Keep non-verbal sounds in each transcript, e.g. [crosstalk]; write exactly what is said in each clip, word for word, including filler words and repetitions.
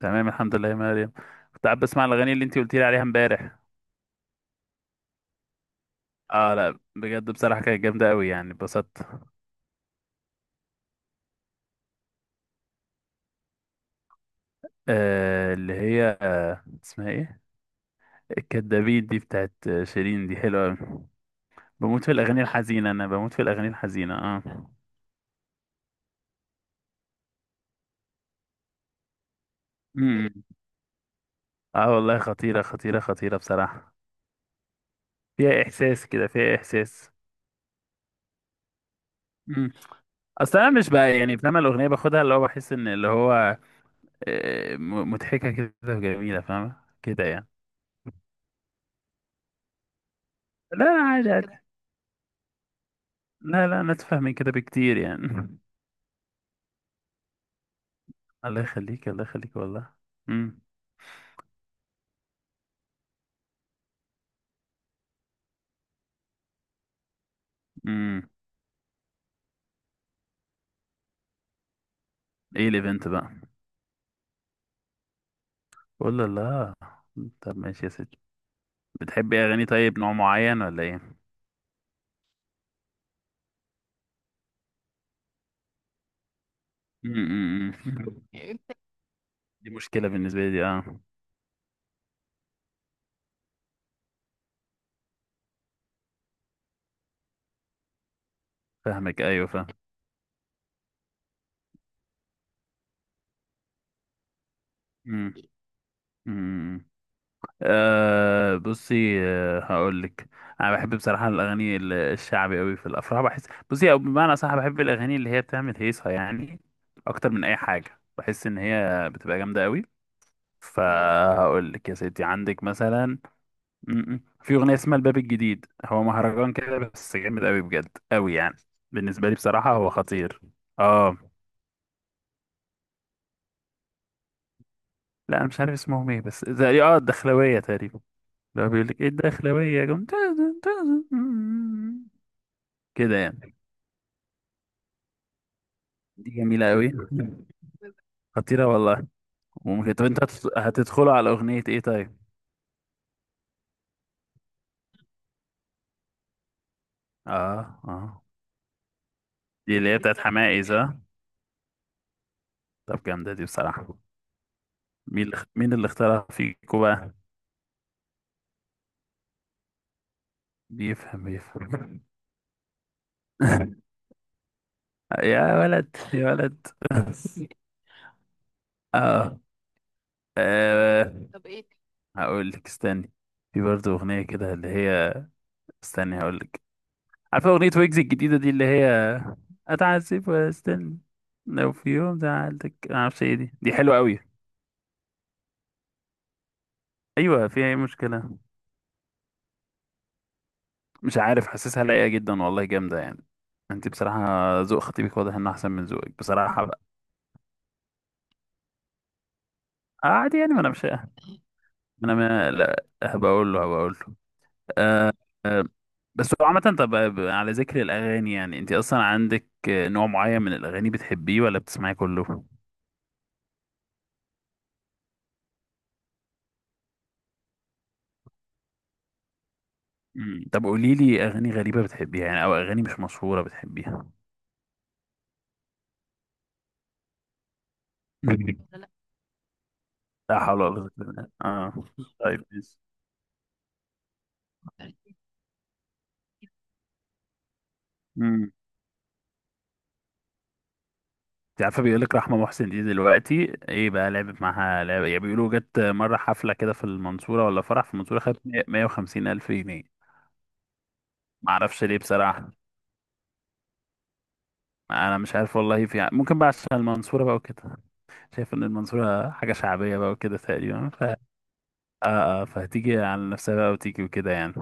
تمام الحمد لله يا مريم. كنت قاعد بسمع الاغاني اللي انت قلت لي عليها امبارح. اه لا بجد بصراحه كانت جامده قوي يعني اتبسطت. آه اللي هي آه اسمها ايه؟ الكدابين دي بتاعت آه، شيرين، دي حلوه قوي. بموت في الاغاني الحزينه انا بموت في الاغاني الحزينه اه. امم اه والله، خطيره خطيره خطيره بصراحه. فيها احساس كده، فيها احساس. امم اصل انا مش بقى يعني فاهمه الاغنيه، باخدها اللي هو بحس ان اللي هو آه، م- مضحكه كده وجميله، فاهمه كده يعني. لا لا عادي. لا لا انا اتفهم من كده بكتير يعني. [laughs] الله يخليك الله يخليك والله. امم. امم. ايه الايفنت بقى؟ ولا لا؟ طب ماشي يا ستي، بتحبي اغاني طيب نوع معين ولا ايه؟ مم، مم، مم. [laughs] دي مشكلة بالنسبة لي دي اه. فاهمك، ايوه فاهم. مم، مم، مم. آه بصي، آه هقول لك. انا بحب بصراحة الاغاني ال- الشعبي قوي في الافراح بحس. بصي، او بمعنى صح، بحب الاغاني اللي هي بتعمل هيصة يعني. اكتر من اي حاجة بحس ان هي بتبقى جامدة قوي. فهقول لك يا ستي، عندك مثلا م- م. في اغنيه اسمها الباب الجديد. هو مهرجان كده بس جامد قوي بجد، قوي يعني. بالنسبه لي بصراحه هو خطير. اه. لا انا مش عارف اسمهم ايه، بس زي اه الدخلويه تقريبا. لو بيقول لك ايه الدخلويه جم تازن تازن م- كده يعني. دي جميله قوي، خطيره والله. وممكن طب انت هتدخ- هتدخلوا على اغنيه ايه طيب؟ اه اه. دي اللي هي بتاعت حماقي صح؟ طب جامده دي بصراحه. مين اللي- مين اللي اختارها فيكوا بقى؟ بيفهم بيفهم. [laughs] يا ولد يا ولد. [laughs] اه. آه، هقول لك استني. في برضه اغنيه كده اللي هي، استني هقول لك. عارفه اغنيه ويجز الجديده دي اللي هي اتعذب واستنى، لو في يوم زعلتك ما اعرفش ايه دي، دي حلوه قوي. ايوه فيها ايه مشكله؟ مش عارف، حاسسها لايقه جدا والله، جامده يعني. انت بصراحه ذوق خطيبك واضح انه احسن من ذوقك بصراحه بقى. آه، عادي يعني، ما انا مش. انا ما لا هبقى اقول له، هبقى اقول له. آه. آه، بس هو عامة، طب على ذكر الأغاني يعني، أنت أصلا عندك نوع معين من الأغاني بتحبيه ولا بتسمعي كله؟ مم. طب قولي لي أغاني غريبة بتحبيها يعني، أو أغاني مش مشهورة بتحبيها. مم. لا حول ولا قوة إلا بالله اه. طيب ماشي. مم. أنت عارفة، بيقول لك رحمة محسن دي دلوقتي إيه بقى لعبت معاها لعبة يعني، بيقولوا جت مرة حفلة كده في المنصورة ولا فرح في المنصورة، خدت مية وخمسين ألف جنيه. معرفش ليه بصراحة. أنا مش عارف والله، في ممكن بقى عشان المنصورة بقى وكده. شايف ان المنصورة حاجة شعبية بقى وكده تقريبا، ف... آه. آه فهتيجي على نفسها بقى وتيجي وكده يعني.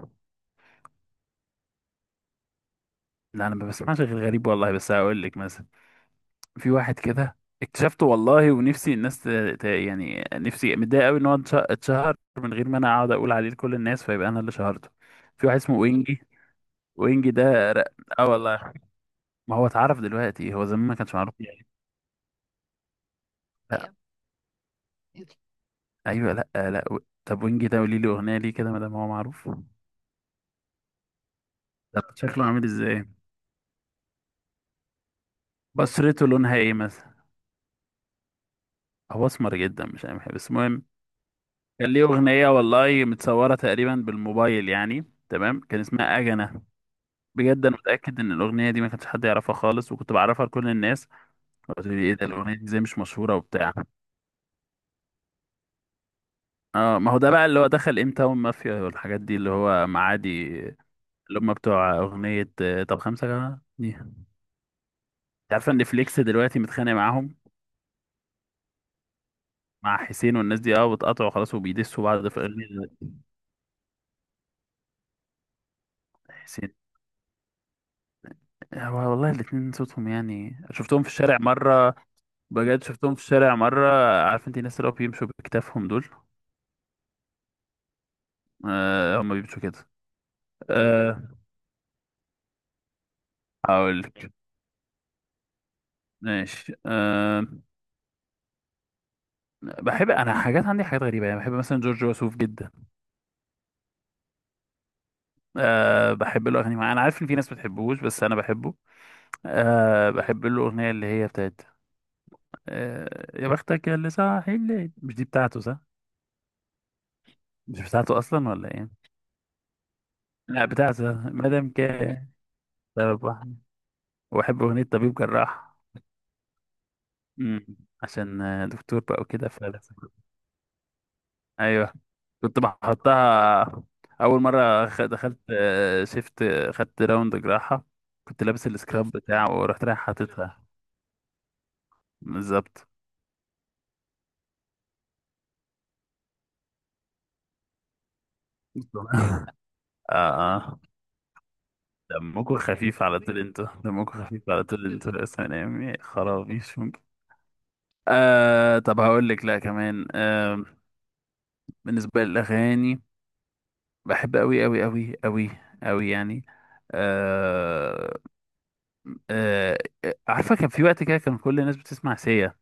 لا انا ما بسمعش غير غريب والله، بس هقول لك مثلا. في واحد كده اكتشفته والله، ونفسي الناس ت... ت... يعني نفسي متضايق قوي ان هو اتش- اتشهر من غير ما انا اقعد اقول عليه لكل الناس، فيبقى انا اللي شهرته. في واحد اسمه وينجي. وينجي ده ر- اه والله، ما هو اتعرف دلوقتي، هو زمان ما كانش معروف يعني. لا. ايوه ايوه، لا آه، لا و- طب وينجي ده قولي لي اغنية ليه كده ما دام هو معروف. طب شكله عامل ازاي؟ بشرته لونها ايه مثلا؟ هو اسمر جدا مش عارف إيه. بس المهم، كان ليه اغنيه والله متصوره تقريبا بالموبايل يعني، تمام، كان اسمها اجنه. بجد انا متاكد ان الاغنيه دي ما كانش حد يعرفها خالص، وكنت بعرفها لكل الناس. قلت لي ايه ده الاغنيه دي ازاي مش مشهوره وبتاع. اه، ما هو ده بقى اللي هو دخل ام تاون مافيا والحاجات دي اللي هو معادي. اللي هم بتوع اغنيه آه، طب خمسه كمان دي. انت عارفه ان فليكس دلوقتي متخانق معاهم؟ مع حسين والناس دي اه، بتقطعوا خلاص وبيدسوا بعض في اغنيه. حسين. آه، والله الاتنين صوتهم يعني، شفتهم في الشارع مرة. بجد شفتهم في الشارع مرة. عارف انت الناس اللي هو بيمشوا بكتافهم دول؟ آه، هم بيمشوا كده. آه هقولك، ماشي آه. بحب انا حاجات، عندي حاجات غريبة يعني، بحب مثلا جورج وسوف جدا. آه بحب له اغاني معينة. انا عارف ان في ناس بتحبوش، بس انا بحبه. آه بحب له اغنية اللي هي بتاعت آه يا بختك يا اللي صاحي الليل. مش دي بتاعته صح؟ مش بتاعته اصلا ولا ايه؟ لا بتاعته مادام كان سبب واحد. وبحب اغنية طبيب جراح. امم. عشان آه، دكتور بقى وكده. ايوه. كنت بحطها اول مره خ- دخلت آه، شفت آه، خدت راوند جراحه. كنت لابس السكراب بتاعه ورحت رايح حاططها. بالظبط. [laughs] اه اه. دمكم خفيف على طول انتوا، دمكم خفيف على طول انتوا، يا سلام يا خرابيش ممكن. آه طب هقول لك لا كمان آه، بالنسبه للاغاني، بحب قوي قوي قوي قوي قوي يعني. آه آه. آه، عارفه كان في وقت كده كان كل الناس بتسمع سيا.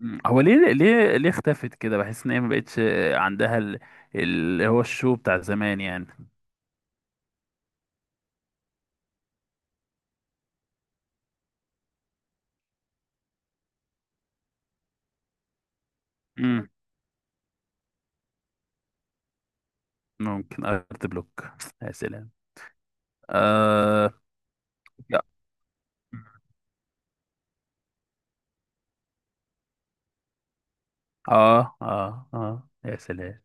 مم. هو ليه ليه ليه اختفت كده، بحس ان هي ما بقتش عندها ال- اللي هو الشو بتاع زمان يعني. مم. ممكن ارت بلوك. يا سلام آه. يا- اه اه اه، يا سلام.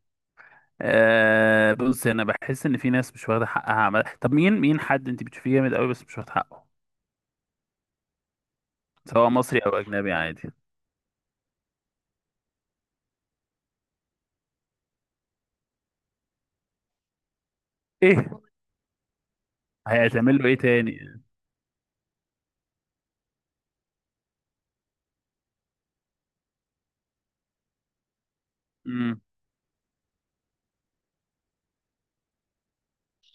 آه بص، انا بحس ان في ناس مش واخده حقها عمل. طب مين، مين حد انت بتشوفيه جامد قوي بس مش واخد حقه؟ سواء مصري او اجنبي عادي. ايه هيتعمل له ايه تاني؟ امم.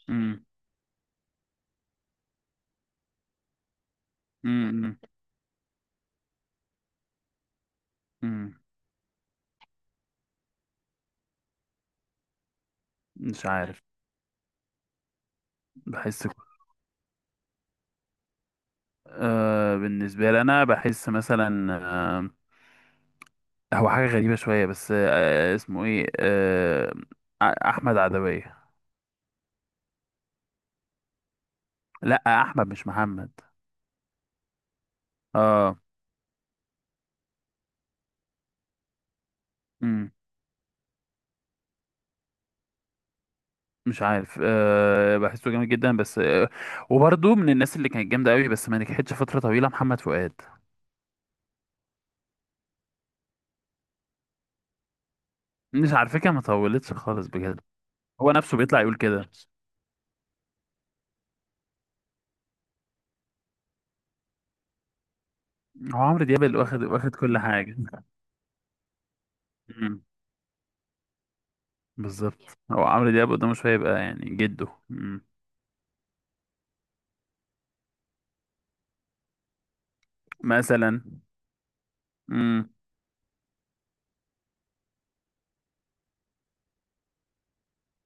امم. امم. مش عارف. بحس آه بالنسبة لي، أنا بحس مثلا آه، هو حاجة غريبة شوية بس آه اسمه إيه آه، أ- أحمد عدوية. لأ أحمد مش محمد. آه. مم. مش عارف آه، بحسه جامد جدا بس آه. وبرضه من الناس اللي كانت جامدة أوي بس ما نجحتش فترة طويلة، محمد فؤاد. مش على فكرة، ما طولتش خالص بجد. هو نفسه بيطلع يقول كده. هو عمرو دياب اللي واخد واخد كل حاجة. مم. بالظبط، هو عمرو دياب قدامه شوية، يبقى يعني جده. مم. مثلا. مم.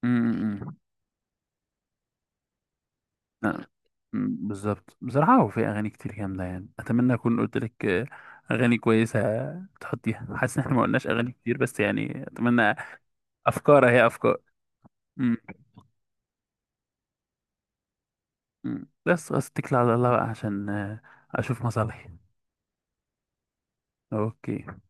امم. لا. أمم، بالظبط بصراحة، هو في أغاني كتير جامدة يعني. أتمنى أكون قلت لك آه، أغاني كويسة تحطيها. [laughs] حاسس إن إحنا ما قلناش أغاني كتير بس يعني، أتمنى. أفكار، هي أفكار. أمم، أمم. بس خلاص، أتكل على الله بقى عشان آه، أشوف مصالحي. أوكي.